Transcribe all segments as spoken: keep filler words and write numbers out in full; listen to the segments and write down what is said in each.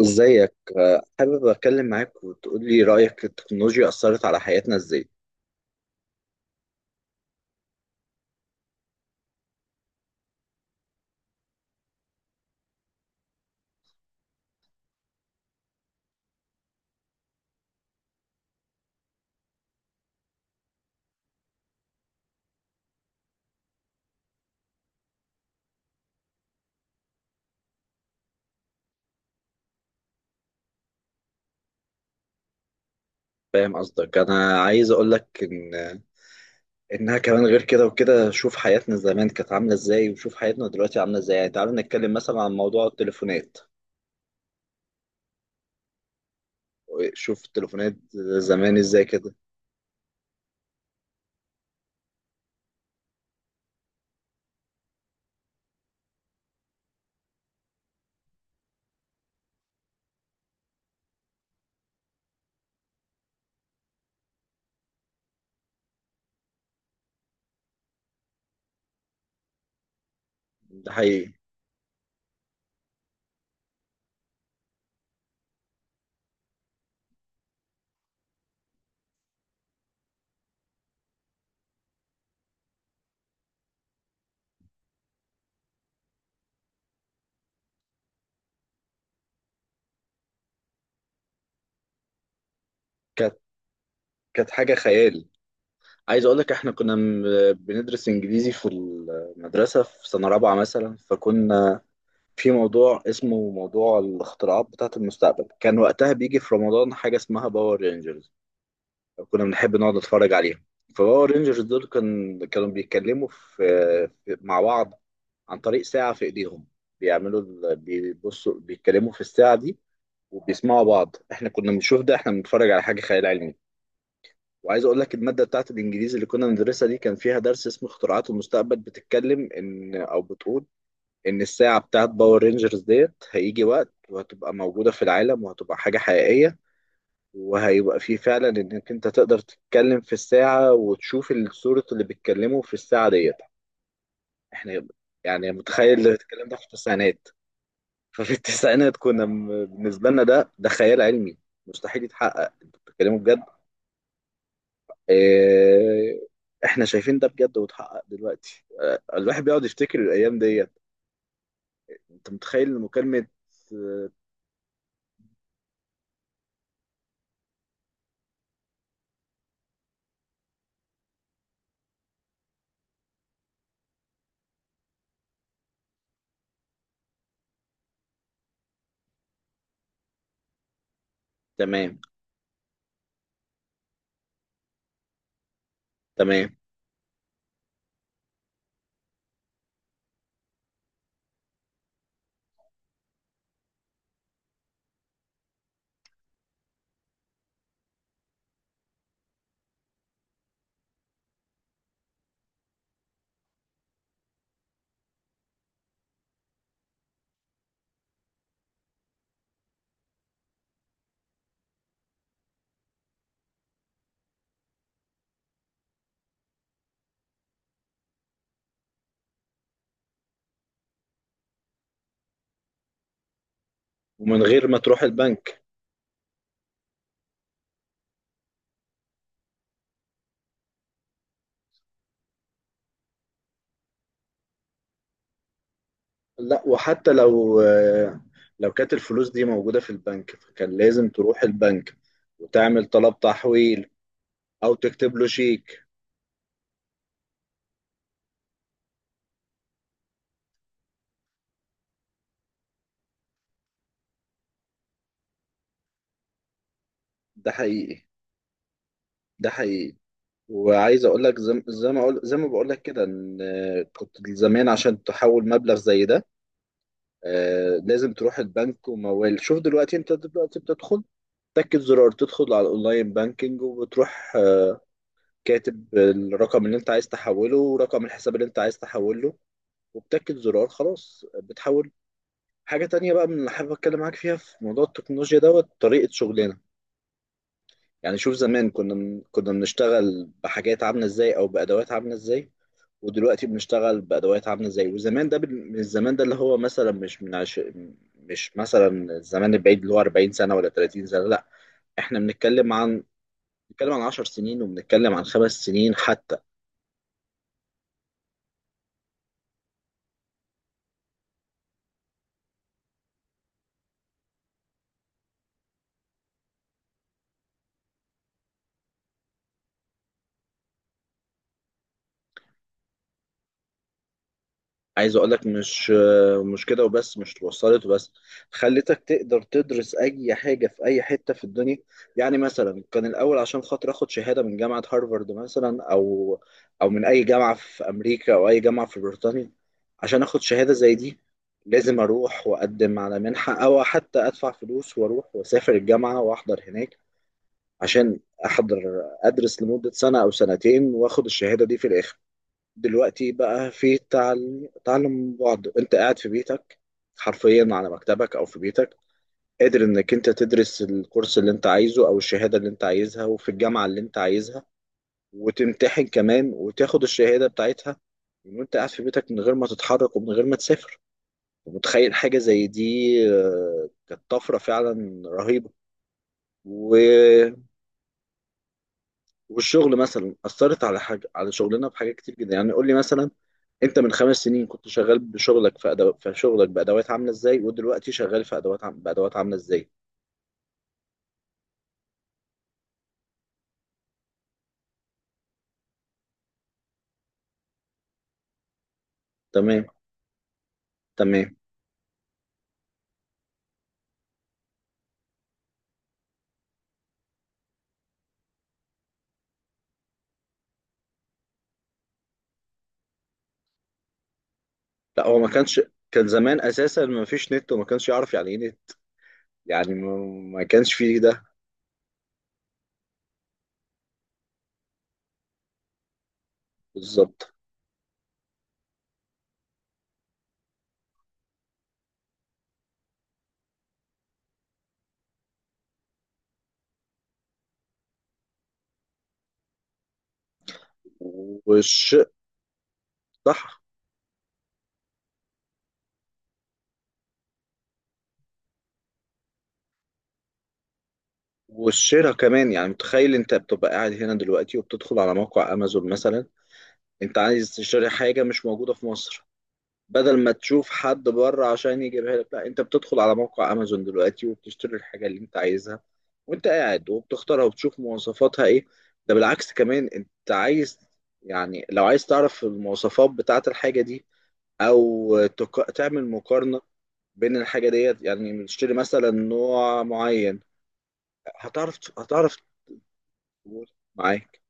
ازيك، آه، حابب اتكلم معاك وتقول لي رايك التكنولوجيا اثرت على حياتنا ازاي. فاهم قصدك. انا عايز اقول لك ان انها كمان غير كده وكده. شوف حياتنا زمان كانت عامله ازاي وشوف حياتنا دلوقتي عامله ازاي. يعني تعال نتكلم مثلا عن موضوع التليفونات. شوف التليفونات زمان ازاي كده. ده حقيقي. كانت كانت حاجه خيال. عايز اقول لك احنا كنا م- بندرس انجليزي في المدرسه في سنه رابعه مثلا، فكنا في موضوع اسمه موضوع الاختراعات بتاعة المستقبل. كان وقتها بيجي في رمضان حاجة اسمها باور رينجرز، كنا بنحب نقعد نتفرج عليهم. فباور رينجرز دول كان كانوا بيتكلموا في في- مع بعض عن طريق ساعة في ايديهم، بيعملوا ال- بيبصوا بيتكلموا في الساعة دي وبيسمعوا بعض. احنا كنا بنشوف ده، احنا بنتفرج على حاجة خيال علمي. وعايز اقول لك المادة بتاعت الانجليزي اللي كنا بندرسها دي كان فيها درس اسمه اختراعات المستقبل، بتتكلم ان او بتقول ان الساعة بتاعت باور رينجرز ديت هيجي وقت وهتبقى موجودة في العالم وهتبقى حاجة حقيقية، وهيبقى فيه فعلا انك انت تقدر تتكلم في الساعة وتشوف الصورة اللي بيتكلموا في الساعة ديت. احنا يعني متخيل اللي بيتكلم ده في التسعينات؟ ففي التسعينات كنا م- بالنسبة لنا ده ده خيال علمي مستحيل يتحقق. انتوا بتتكلموا بجد؟ اه، احنا شايفين ده بجد واتحقق دلوقتي. اه، الواحد بيقعد يفتكر الايام ديت. انت متخيل مكالمة؟ آه، تمام، تمام. ومن غير ما تروح البنك. لا، وحتى لو آه، لو كانت الفلوس دي موجودة في البنك فكان لازم تروح البنك وتعمل طلب تحويل، أو تكتب له شيك. ده حقيقي. ده حقيقي. وعايز أقول لك زي زي ما أقول، زي ما بقول لك كده إن آه، كنت زمان عشان تحول مبلغ زي ده آه، لازم تروح البنك وموال. شوف دلوقتي، أنت دلوقتي بتدخل تاكد زرار، تدخل على الأونلاين بانكينج وبتروح آه، كاتب الرقم اللي انت عايز تحوله ورقم الحساب اللي انت عايز تحوله، وبتاكد زرار خلاص بتحول. حاجة تانية بقى من اللي حابب أتكلم معاك فيها في موضوع التكنولوجيا دوت، طريقة شغلنا. يعني شوف زمان كنا من... كنا بنشتغل بحاجات عاملة إزاي أو بأدوات عاملة إزاي، ودلوقتي بنشتغل بأدوات عاملة إزاي. وزمان ده بال- من الزمان ده اللي هو مثلا مش من عش... مش مثلا الزمان البعيد اللي هو أربعين سنة ولا ثلاثين سنة، لا. إحنا بنتكلم عن، بنتكلم عن عشر سنين، وبنتكلم عن خمس سنين حتى. عايز اقول لك مش مش كده وبس، مش وصلت وبس، خلتك تقدر تدرس اي حاجه في اي حته في الدنيا. يعني مثلا كان الاول عشان خاطر اخد شهاده من جامعه هارفارد مثلا او او من اي جامعه في امريكا او اي جامعه في بريطانيا، عشان اخد شهاده زي دي لازم اروح واقدم على منحه، او حتى ادفع فلوس واروح واسافر الجامعه واحضر هناك، عشان احضر ادرس لمده سنه او سنتين واخد الشهاده دي في الاخر. دلوقتي بقى في تعل- تعلم من بعد، انت قاعد في بيتك حرفيا، على مكتبك او في بيتك قادر انك انت تدرس الكورس اللي انت عايزه او الشهادة اللي انت عايزها وفي الجامعة اللي انت عايزها، وتمتحن كمان وتاخد الشهادة بتاعتها من وانت قاعد في بيتك من غير ما تتحرك ومن غير ما تسافر. ومتخيل حاجة زي دي؟ آه، كانت طفرة فعلا رهيبة. و... والشغل مثلا أثرت على حاجة، على شغلنا بحاجة كتير جدا. يعني قول لي مثلا انت من خمس سنين كنت شغال بشغلك في أدو... في شغلك بادوات عامله ازاي، ودلوقتي شغال في ادوات عم... بادوات عامله ازاي. تمام، تمام. لا هو ما كانش، كان زمان اساسا ما فيش نت وما كانش يعرف يعني ايه نت. يعني ما, ما كانش فيه ده. بالظبط. والش صح. والشراء كمان، يعني متخيل انت بتبقى قاعد هنا دلوقتي وبتدخل على موقع امازون مثلا، انت عايز تشتري حاجه مش موجوده في مصر. بدل ما تشوف حد بره عشان يجيبها لك، لا انت بتدخل على موقع امازون دلوقتي وبتشتري الحاجه اللي انت عايزها وانت قاعد، وبتختارها وبتشوف مواصفاتها ايه. ده بالعكس، كمان انت عايز، يعني لو عايز تعرف المواصفات بتاعه الحاجه دي او تق... تعمل مقارنه بين الحاجه ديت يعني بتشتري مثلا نوع معين، هتعرف هتعرف تقول. معاك.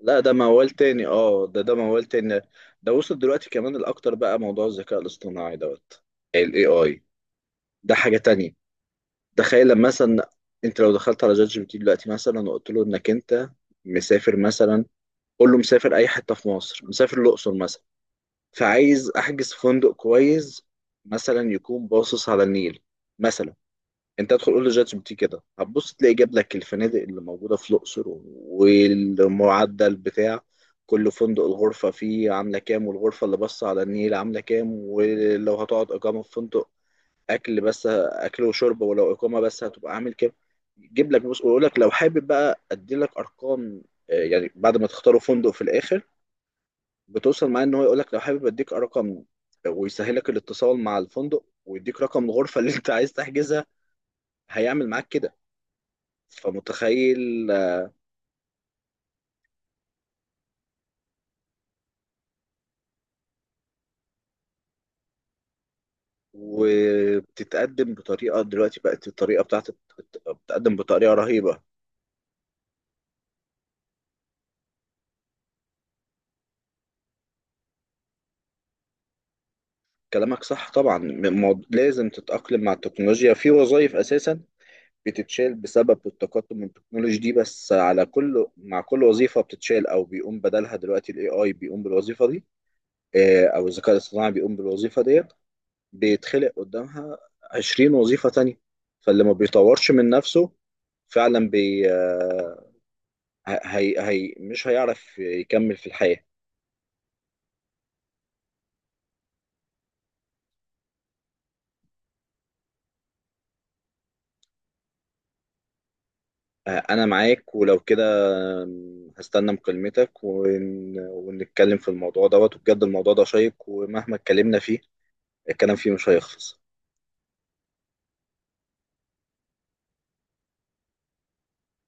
لا ده موال تاني، اه ده ده موال تاني. ده وصل دلوقتي كمان الاكتر بقى موضوع الذكاء الاصطناعي دوت، ال إيه آي. ده حاجة تانية. تخيل لما مثلا انت لو دخلت على جات جي بي تي دلوقتي مثلا، وقلت له انك انت مسافر مثلا، قول له مسافر اي حتة في مصر، مسافر الاقصر مثلا، فعايز احجز فندق كويس مثلا يكون باصص على النيل مثلا. انت ادخل قول له جات جي بي تي كده، هتبص تلاقي جاب لك الفنادق اللي موجودة في الاقصر، والمعدل بتاع كل فندق، الغرفة فيه عاملة كام، والغرفة اللي باصة على النيل عاملة كام، ولو هتقعد إقامة في فندق اكل بس، اكل وشرب، ولو اقامه بس هتبقى عامل كده. يجيب لك بص ويقول لك لو حابب بقى ادي لك ارقام. آه، يعني بعد ما تختاروا فندق في الاخر بتوصل معاه ان هو يقول لك لو حابب اديك ارقم، ويسهلك الاتصال مع الفندق ويديك رقم الغرفه اللي انت عايز تحجزها. هيعمل معاك كده. فمتخيل؟ آه، وبتتقدم بطريقه، دلوقتي بقت الطريقه بتاعت، بتقدم بطريقه رهيبه. كلامك صح طبعا. م- مو- لازم تتاقلم مع التكنولوجيا. في وظائف اساسا بتتشال بسبب التقدم من التكنولوجي دي، بس على كل، مع كل وظيفة بتتشال أو بيقوم بدلها دلوقتي ال إيه آي بيقوم بالوظيفة دي، آه، أو الذكاء الاصطناعي بيقوم بالوظيفة ديت، بيتخلق قدامها عشرين وظيفة تانية. فاللي ما بيطورش من نفسه فعلا بي آه، هي هي مش هيعرف يكمل في الحياة. آه، أنا معاك ولو كده. آم، هستنى مكالمتك ون... ونتكلم في الموضوع دوت. وبجد الموضوع ده شيق، ومهما اتكلمنا فيه الكلام فيه مش هيخلص